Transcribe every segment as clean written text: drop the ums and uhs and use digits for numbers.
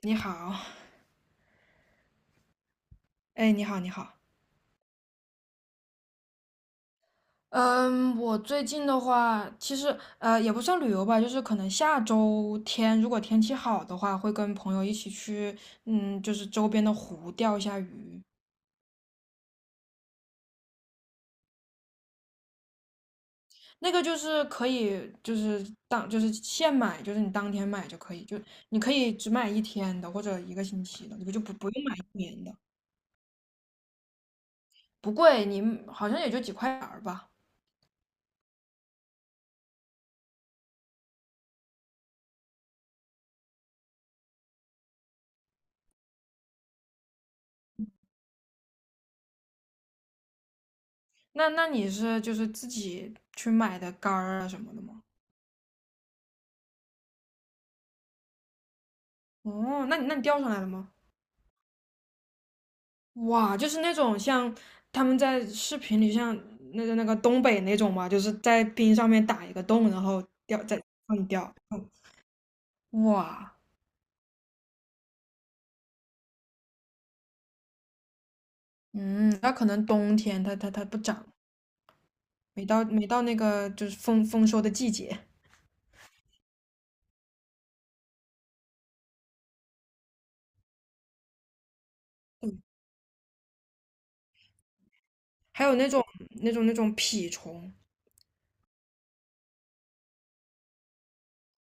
你好。哎，你好，你好。嗯，我最近的话，其实也不算旅游吧，就是可能下周天如果天气好的话，会跟朋友一起去，嗯，就是周边的湖钓一下鱼。那个就是可以，就是当就是现买，就是你当天买就可以，就你可以只买一天的或者一个星期的，你就不用买一年的。不贵，你好像也就几块钱儿吧。那那你是就是自己去买的竿儿啊什么的吗？哦，那你那你钓上来了吗？哇，就是那种像他们在视频里像那个东北那种嘛，就是在冰上面打一个洞，然后放掉。嗯，哇，嗯，那可能冬天它不长，没到那个就是丰收的季节。嗯，还有那种那种蜱虫。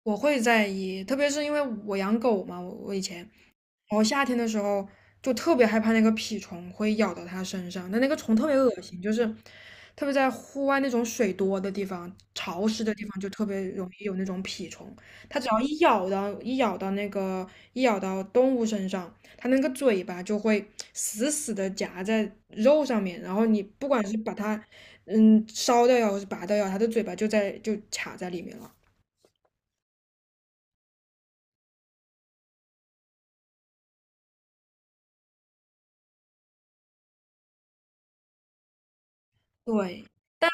我会在意，特别是因为我养狗嘛，我以前。然后夏天的时候就特别害怕那个蜱虫会咬到它身上，但那个虫特别恶心，就是特别在户外那种水多的地方、潮湿的地方，就特别容易有那种蜱虫。它只要一咬到动物身上，它那个嘴巴就会死死的夹在肉上面，然后你不管是把它烧掉呀，或是拔掉呀，它的嘴巴就卡在里面了。对。但。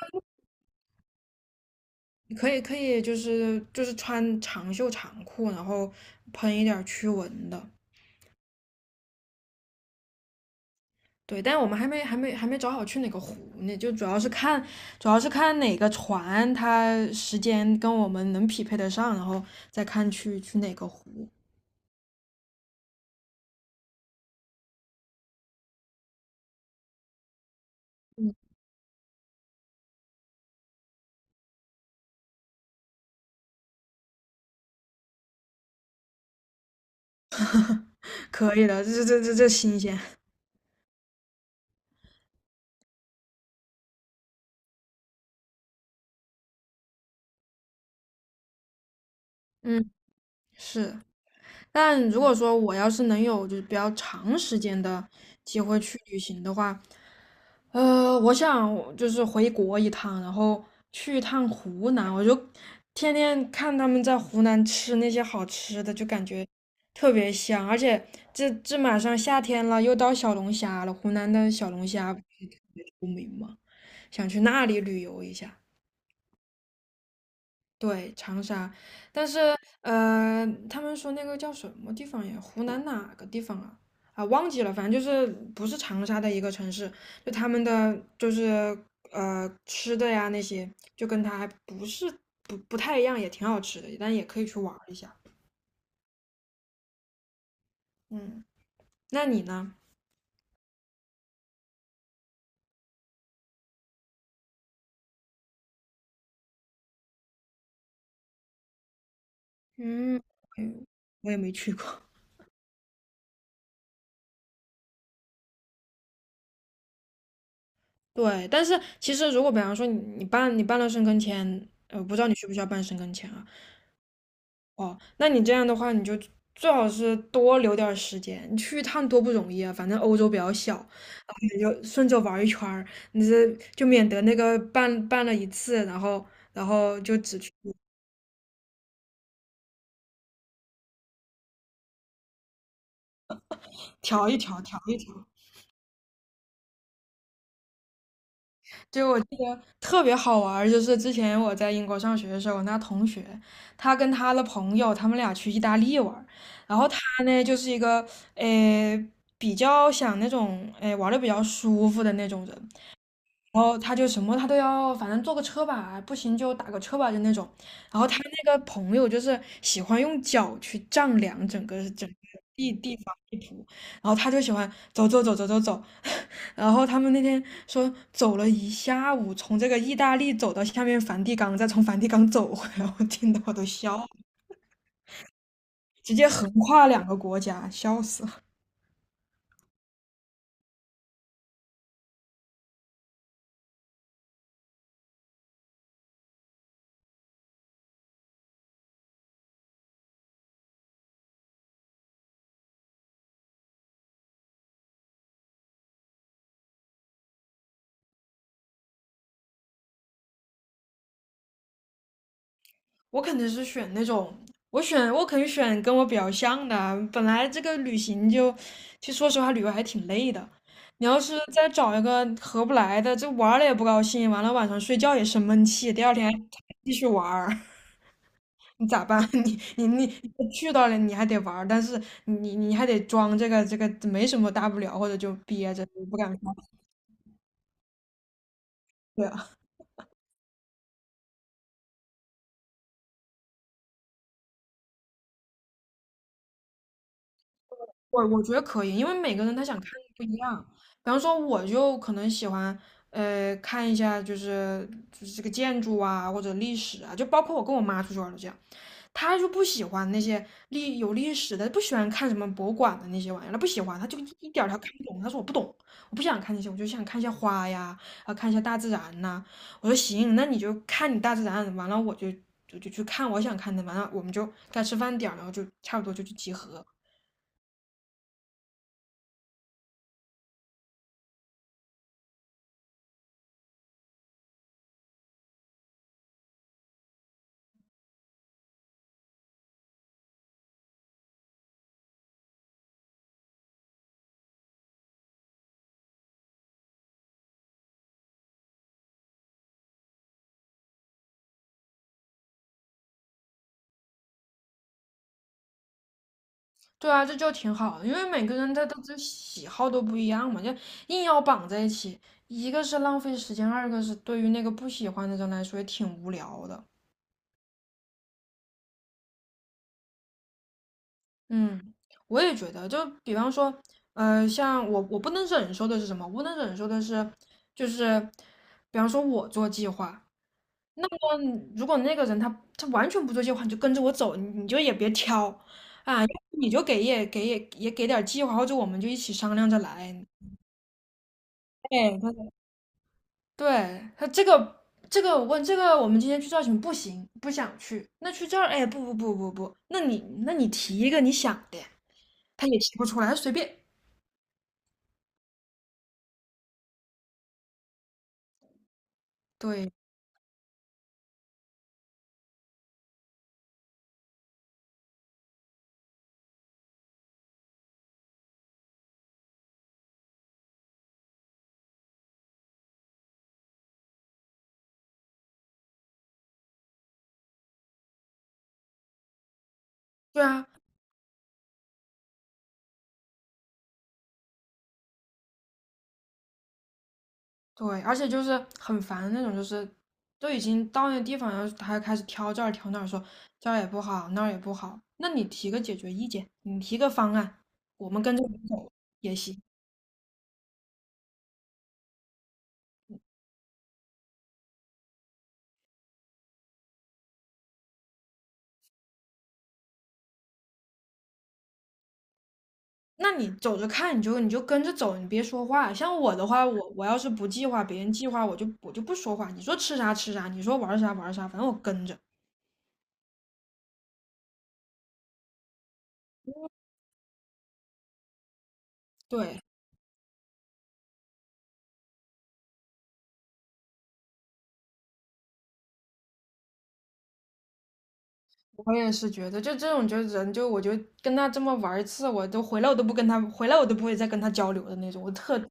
可以可以，就是就是穿长袖长裤，然后喷一点驱蚊的。对，但我们还没找好去哪个湖呢，就主要是看哪个船它时间跟我们能匹配得上，然后再看去哪个湖。可以的，这新鲜。嗯，是。但如果说我要是能有就是比较长时间的机会去旅行的话，呃，我想我就是回国一趟，然后去一趟湖南，我就天天看他们在湖南吃那些好吃的，就感觉特别香。而且这这马上夏天了，又到小龙虾了，湖南的小龙虾不是特别出名嘛，想去那里旅游一下。对，长沙。呃，他们说那个叫什么地方呀？湖南哪个地方啊？啊，忘记了，反正就是不是长沙的一个城市，就他们的就是吃的呀那些，就跟它还不是不太一样，也挺好吃的，但也可以去玩儿一下。嗯，那你呢？嗯，嗯，我也没去过。对，但是其实如果比方说你办了生根签，呃，不知道你需不需要办生根签啊？哦，那你这样的话，你就最好是多留点儿时间，你去一趟多不容易啊。反正欧洲比较小，然后你就顺着玩一圈儿，你这就免得那个办了一次，然后然后就只去调一调，调一调。就我记得特别好玩儿就是之前我在英国上学的时候，我那同学，他跟他的朋友，他们俩去意大利玩儿，然后他呢就是一个呃比较想那种玩的比较舒服的那种人。然后他就什么他都要，反正坐个车吧，不行就打个车吧，就那种。然后他那个朋友就是喜欢用脚去丈量整个地方地图，然后他就喜欢走。然后他们那天说走了一下午，从这个意大利走到下面梵蒂冈，再从梵蒂冈走回来，我听的我都笑了，直接横跨两个国家，笑死。我肯定是选那种，我肯定选跟我比较像的啊。本来这个旅行就，其实说实话，旅游还挺累的。你要是再找一个合不来的，这玩儿了也不高兴，完了晚上睡觉也生闷气，第二天还继续玩儿。你咋办？你你去到了，你还得玩儿，但是你还得装这个没什么大不了，或者就憋着不敢说。对啊，我我觉得可以，因为每个人他想看的不一样。比方说，我就可能喜欢，呃，看一下就是这个建筑啊，或者历史啊，就包括我跟我妈出去玩儿都这样，她就不喜欢那些历史的，不喜欢看什么博物馆的那些玩意儿，她不喜欢，她就一点儿她看不懂。她说我不懂，我不想看那些，我就想看一下花呀，啊，看一下大自然呐、我说行，那你就看你大自然，完了我就去看我想看的，完了我们就该吃饭点儿了，然后就差不多就去集合。对啊，这就挺好的，因为每个人他这喜好都不一样嘛，就硬要绑在一起，一个是浪费时间，二个是对于那个不喜欢的人来说也挺无聊的。嗯，我也觉得，就比方说，呃，像我不能忍受的是什么？我不能忍受的是，就是比方说我做计划，嗯，如果那个人他完全不做计划，你就跟着我走，你就也别挑啊，你就给也给点儿计划，或者我们就一起商量着来。哎，对他这个这个我问这个，我们今天去造型不行，不想去。那去这儿，哎，不，那你那你提一个你想的，他也提不出来，他随便。对，对啊，对，而且就是很烦那种，就是都已经到那地方，然后他还开始挑这儿挑那儿，说这儿也不好，那儿也不好。那你提个解决意见，你提个方案，我们跟着你走也行。那你走着看，你就跟着走，你别说话。像我的话，我要是不计划，别人计划，我就不说话。你说吃啥吃啥，你说玩啥玩啥，反正我跟着。对，我也是觉得，就这种就是人就我就跟他这么玩一次，我都回来我都不跟他回来我都不会再跟他交流的那种，我特愁。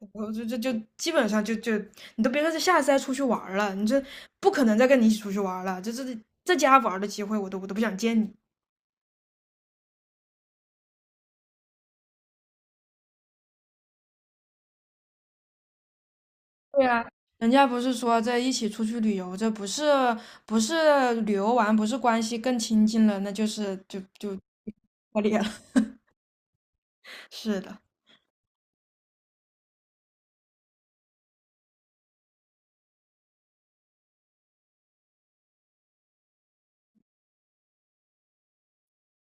我就就就基本上你都别说这下次再出去玩儿了，你这不可能再跟你一起出去玩儿了，这这在家玩儿的机会我都不想见你。对啊，人家不是说在一起出去旅游，这不是不是旅游完，不是关系更亲近了，那就是破裂了。是的。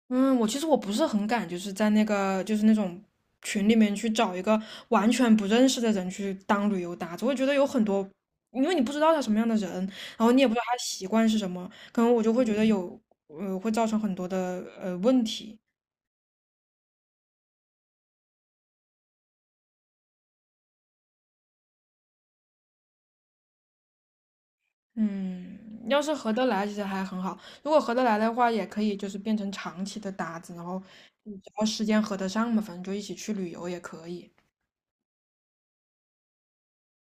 嗯，我其实我不是很敢，就是在那个就是那种群里面去找一个完全不认识的人去当旅游搭子，我觉得有很多，因为你不知道他什么样的人，然后你也不知道他习惯是什么，可能我就会觉得有会造成很多的问题。嗯，要是合得来，其实还很好。如果合得来的话，也可以就是变成长期的搭子，然后嗯只要时间合得上嘛，反正就一起去旅游也可以。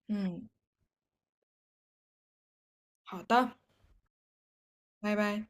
嗯，好的，拜拜。